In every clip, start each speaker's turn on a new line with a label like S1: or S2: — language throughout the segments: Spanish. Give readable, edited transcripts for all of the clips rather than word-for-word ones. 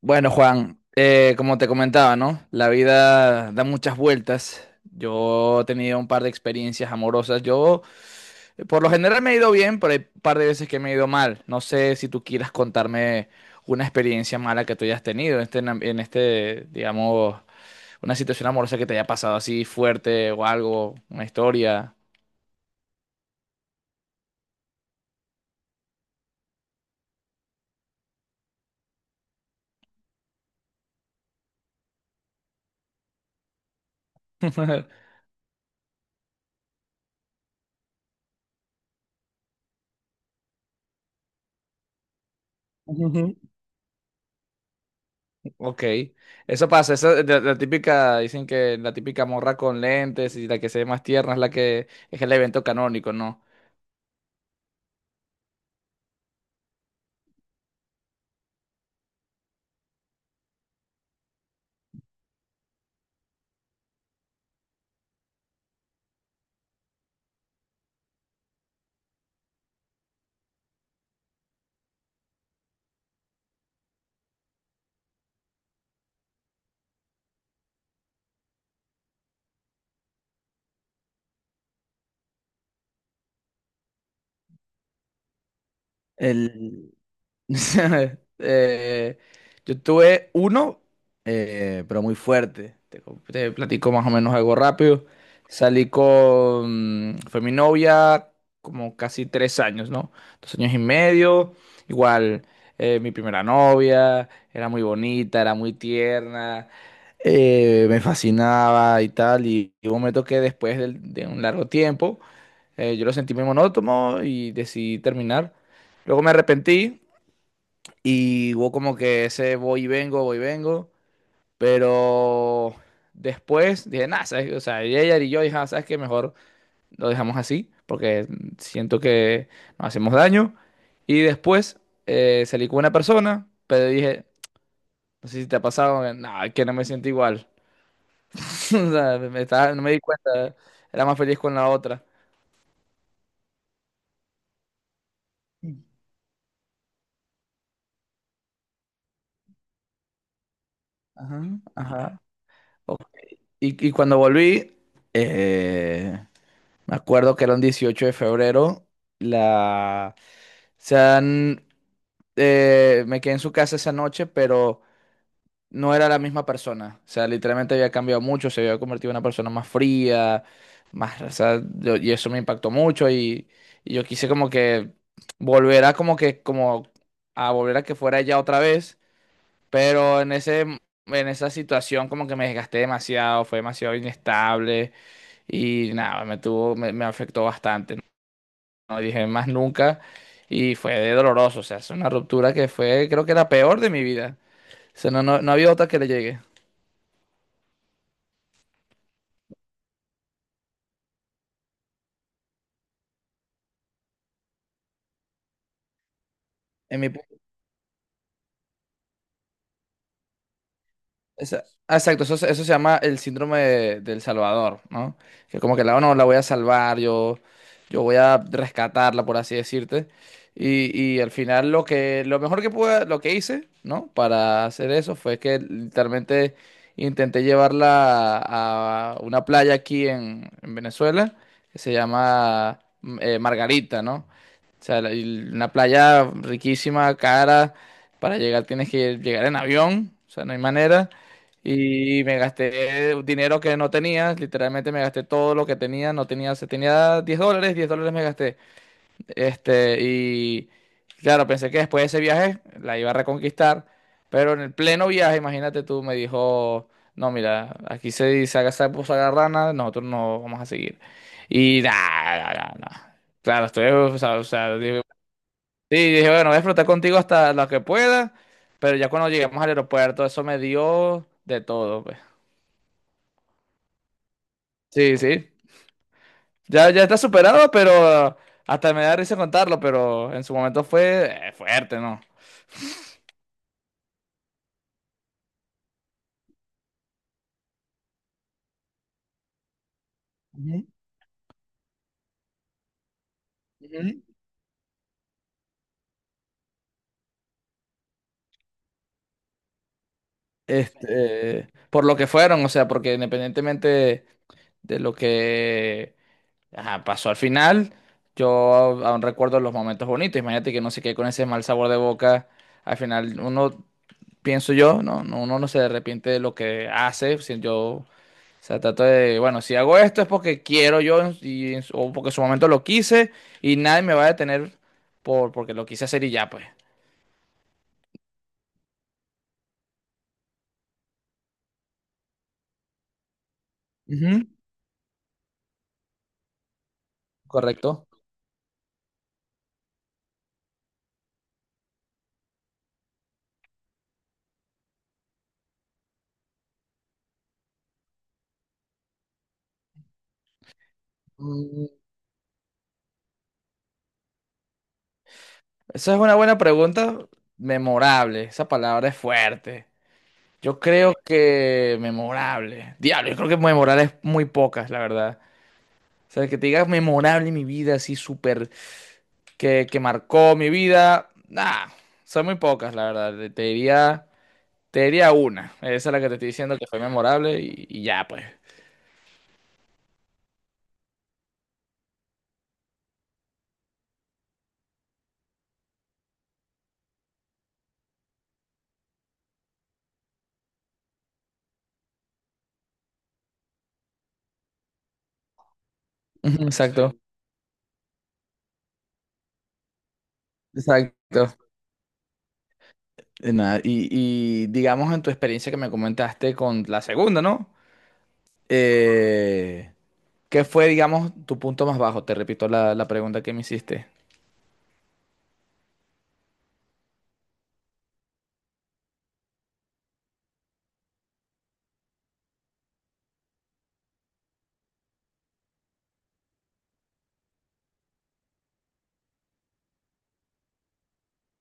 S1: Bueno, Juan, como te comentaba, ¿no? La vida da muchas vueltas. Yo he tenido un par de experiencias amorosas. Por lo general, me he ido bien, pero hay un par de veces que me he ido mal. No sé si tú quieras contarme una experiencia mala que tú hayas tenido en este, digamos, una situación amorosa que te haya pasado así fuerte o algo, una historia. Ok, eso pasa, esa, es la típica, dicen que la típica morra con lentes y la que se ve más tierna es la que es el evento canónico, ¿no? El... Eh, yo tuve uno, pero muy fuerte. Te platico más o menos algo rápido. Salí con, fue mi novia como casi 3 años, ¿no? 2 años y medio. Igual, mi primera novia, era muy bonita, era muy tierna, me fascinaba y tal. Y hubo un momento que de, un largo tiempo, yo lo sentí muy monótono y decidí terminar. Luego me arrepentí y hubo como que ese voy y vengo, voy y vengo. Pero después dije, nada, ¿sabes? O sea, y ella y yo dije, "Ah, ¿sabes qué? Mejor lo dejamos así, porque siento que nos hacemos daño". Y después, salí con una persona, pero dije, no sé si te ha pasado, no, que no me siento igual. O sea, no me di cuenta, era más feliz con la otra. Ajá, ajá. Ok. Y cuando volví, eh, me acuerdo que era un 18 de febrero, la... se han, me quedé en su casa esa noche, pero no era la misma persona. O sea, literalmente había cambiado mucho, se había convertido en una persona más fría, más, o sea, yo- y eso me impactó mucho y yo quise como que volver a como que, como a volver a que fuera ella otra vez, pero en ese, en esa situación como que me desgasté demasiado, fue demasiado inestable y nada, me tuvo, me afectó bastante, no dije más nunca y fue de doloroso, o sea, es una ruptura que fue, creo que la peor de mi vida. O sea, no, no, no había otra que le llegue. En mi... Esa- ah, exacto, eso se llama el del Salvador, ¿no? Que como que la, "Oh, no, la voy a salvar, yo voy a rescatarla", por así decirte. Y, y al final lo que, lo mejor que pude, lo que hice, ¿no? Para hacer eso fue que literalmente intenté llevarla a una playa aquí en Venezuela, que se llama Margarita, ¿no? O sea, la- y una playa riquísima, cara. Para llegar tienes que llegar en avión. O sea, no hay manera. Y me gasté dinero que no tenía. Literalmente me gasté todo lo que tenía. No tenía, se tenía 10 dólares. 10 dólares me gasté. Este, y claro, pensé que después de ese viaje la iba a reconquistar. Pero en el pleno viaje, imagínate tú, me dijo, no, mira, aquí se dice haga sapo, haga rana, nosotros no vamos a seguir. Y nada, nada, nada. Claro, estoy, o sea, sí, dije, bueno, voy a flotar contigo hasta lo que pueda, pero ya cuando llegamos al aeropuerto, eso me dio de todo, pues. Sí, sí. Ya, ya está superado, pero hasta me da risa contarlo, pero en su momento fue, fuerte, ¿no? Ujú. Ujú. Este, por lo que fueron, o sea, porque independientemente de lo que, ajá, pasó al final, yo aún recuerdo los momentos bonitos. Imagínate que no se quede con ese mal sabor de boca. Al final, uno, pienso yo, no, no, uno no se arrepiente de lo que hace, si yo, o sea, trato de, bueno, si hago esto es porque quiero yo y, o porque en su momento lo quise y nadie me va a detener por, porque lo quise hacer y ya, pues. Ujú. Correcto. Mm, Esa es una buena pregunta. Memorable. Esa palabra es fuerte. Yo creo que memorable. Diablo, yo creo que memorable es muy pocas, la verdad. O sea, que te digas memorable en mi vida, así súper. Que marcó mi vida, nah, son muy pocas, la verdad. Te diría una. Esa es la que te estoy diciendo que fue memorable y ya, pues. Ujú, exacto, exacto. Y nada, y digamos en tu experiencia que me comentaste con la segunda, ¿no? Eh, ¿Qué fue, digamos, tu punto más bajo? Te repito la pregunta que me hiciste.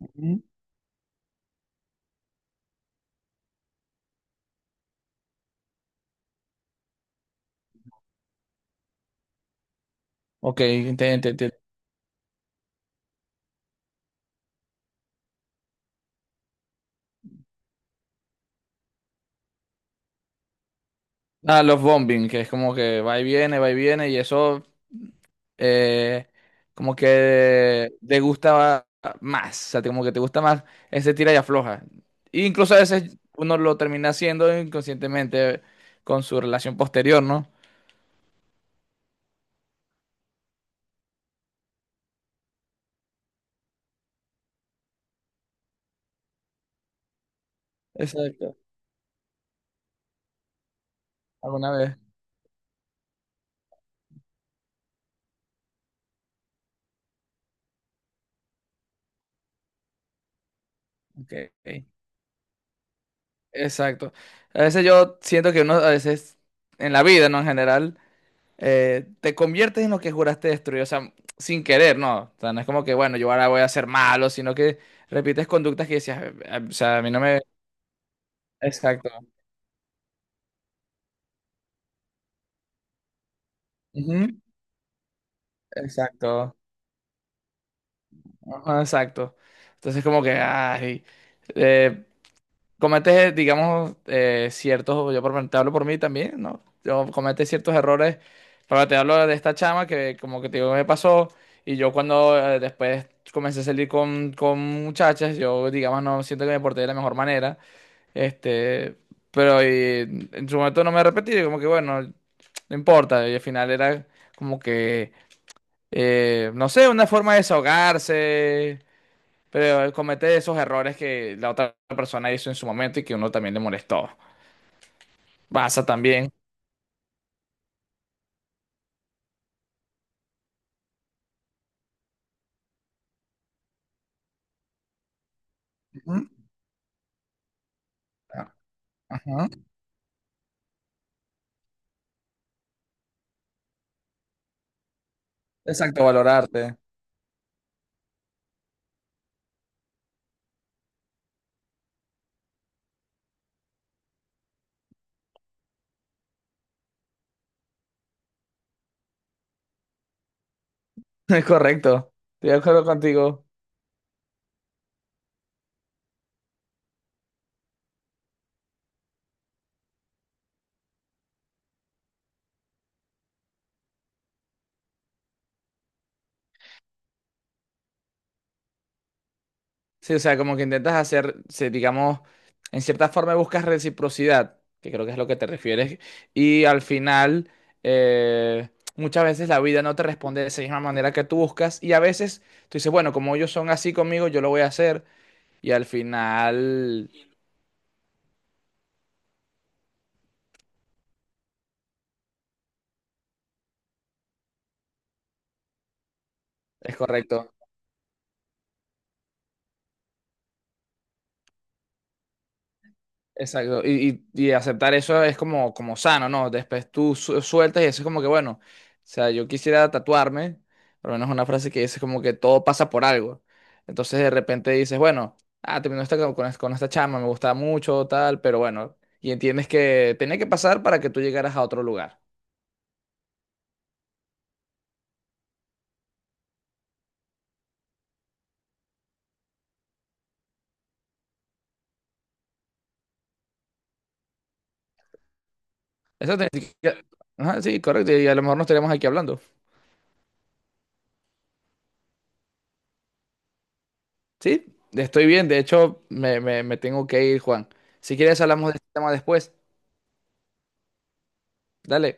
S1: Ujú. Ok, entiendo. Ah, los bombing, que es como que va y viene, y eso, eh, como que te gusta más, o sea, como que te gusta más ese tira y afloja. E incluso a veces uno lo termina haciendo inconscientemente con su relación posterior, ¿no? Exacto. ¿Alguna vez? Ok, ok. Exacto. A veces yo siento que uno, a veces en la vida, ¿no? En general, te conviertes en lo que juraste destruir, o sea, sin querer, ¿no? O sea, no es como que, bueno, yo ahora voy a ser malo, sino que repites conductas que decías, o sea, a mí no me..." Exacto. Ujú, exacto. Ajá, exacto. Entonces como que, ay, eh, cometes, digamos, ciertos, yo por, lo menos te hablo por mí también, ¿no? Yo cometes ciertos errores, pero te hablo de esta chama que como que te digo me pasó y yo cuando, después comencé a salir con muchachas, yo digamos no siento que me porté de la mejor manera, este, pero y, en su momento no me arrepentí, y como que bueno, no importa, y al final era como que, no sé, una forma de desahogarse. Pero comete esos errores que la otra persona hizo en su momento y que uno también le molestó. Pasa también. Ujú. Ajá. Exacto, valorarte. Es correcto. Estoy de acuerdo contigo. Sí, o sea, como que intentas hacer, sí, digamos, en cierta forma buscas reciprocidad, que creo que es lo que te refieres, y al final, eh, muchas veces la vida no te responde de esa misma manera que tú buscas, y a veces tú dices, bueno, como ellos son así conmigo, yo lo voy a hacer, y al final es correcto. Exacto, y, y aceptar eso es como, como sano, ¿no? Después tú sueltas y eso es como que, bueno, o sea, yo quisiera tatuarme, por lo menos una frase que dice como que todo pasa por algo. Entonces de repente dices, bueno, ah, terminó esta, con esta chama, me gustaba mucho, tal, pero bueno, y entiendes que tenía que pasar para que tú llegaras a otro lugar. Eso te- Ajá, sí, correcto, y a lo mejor nos estaríamos aquí hablando. Sí, estoy bien, de hecho, me tengo que ir, Juan. Si quieres, hablamos de este tema después. Dale.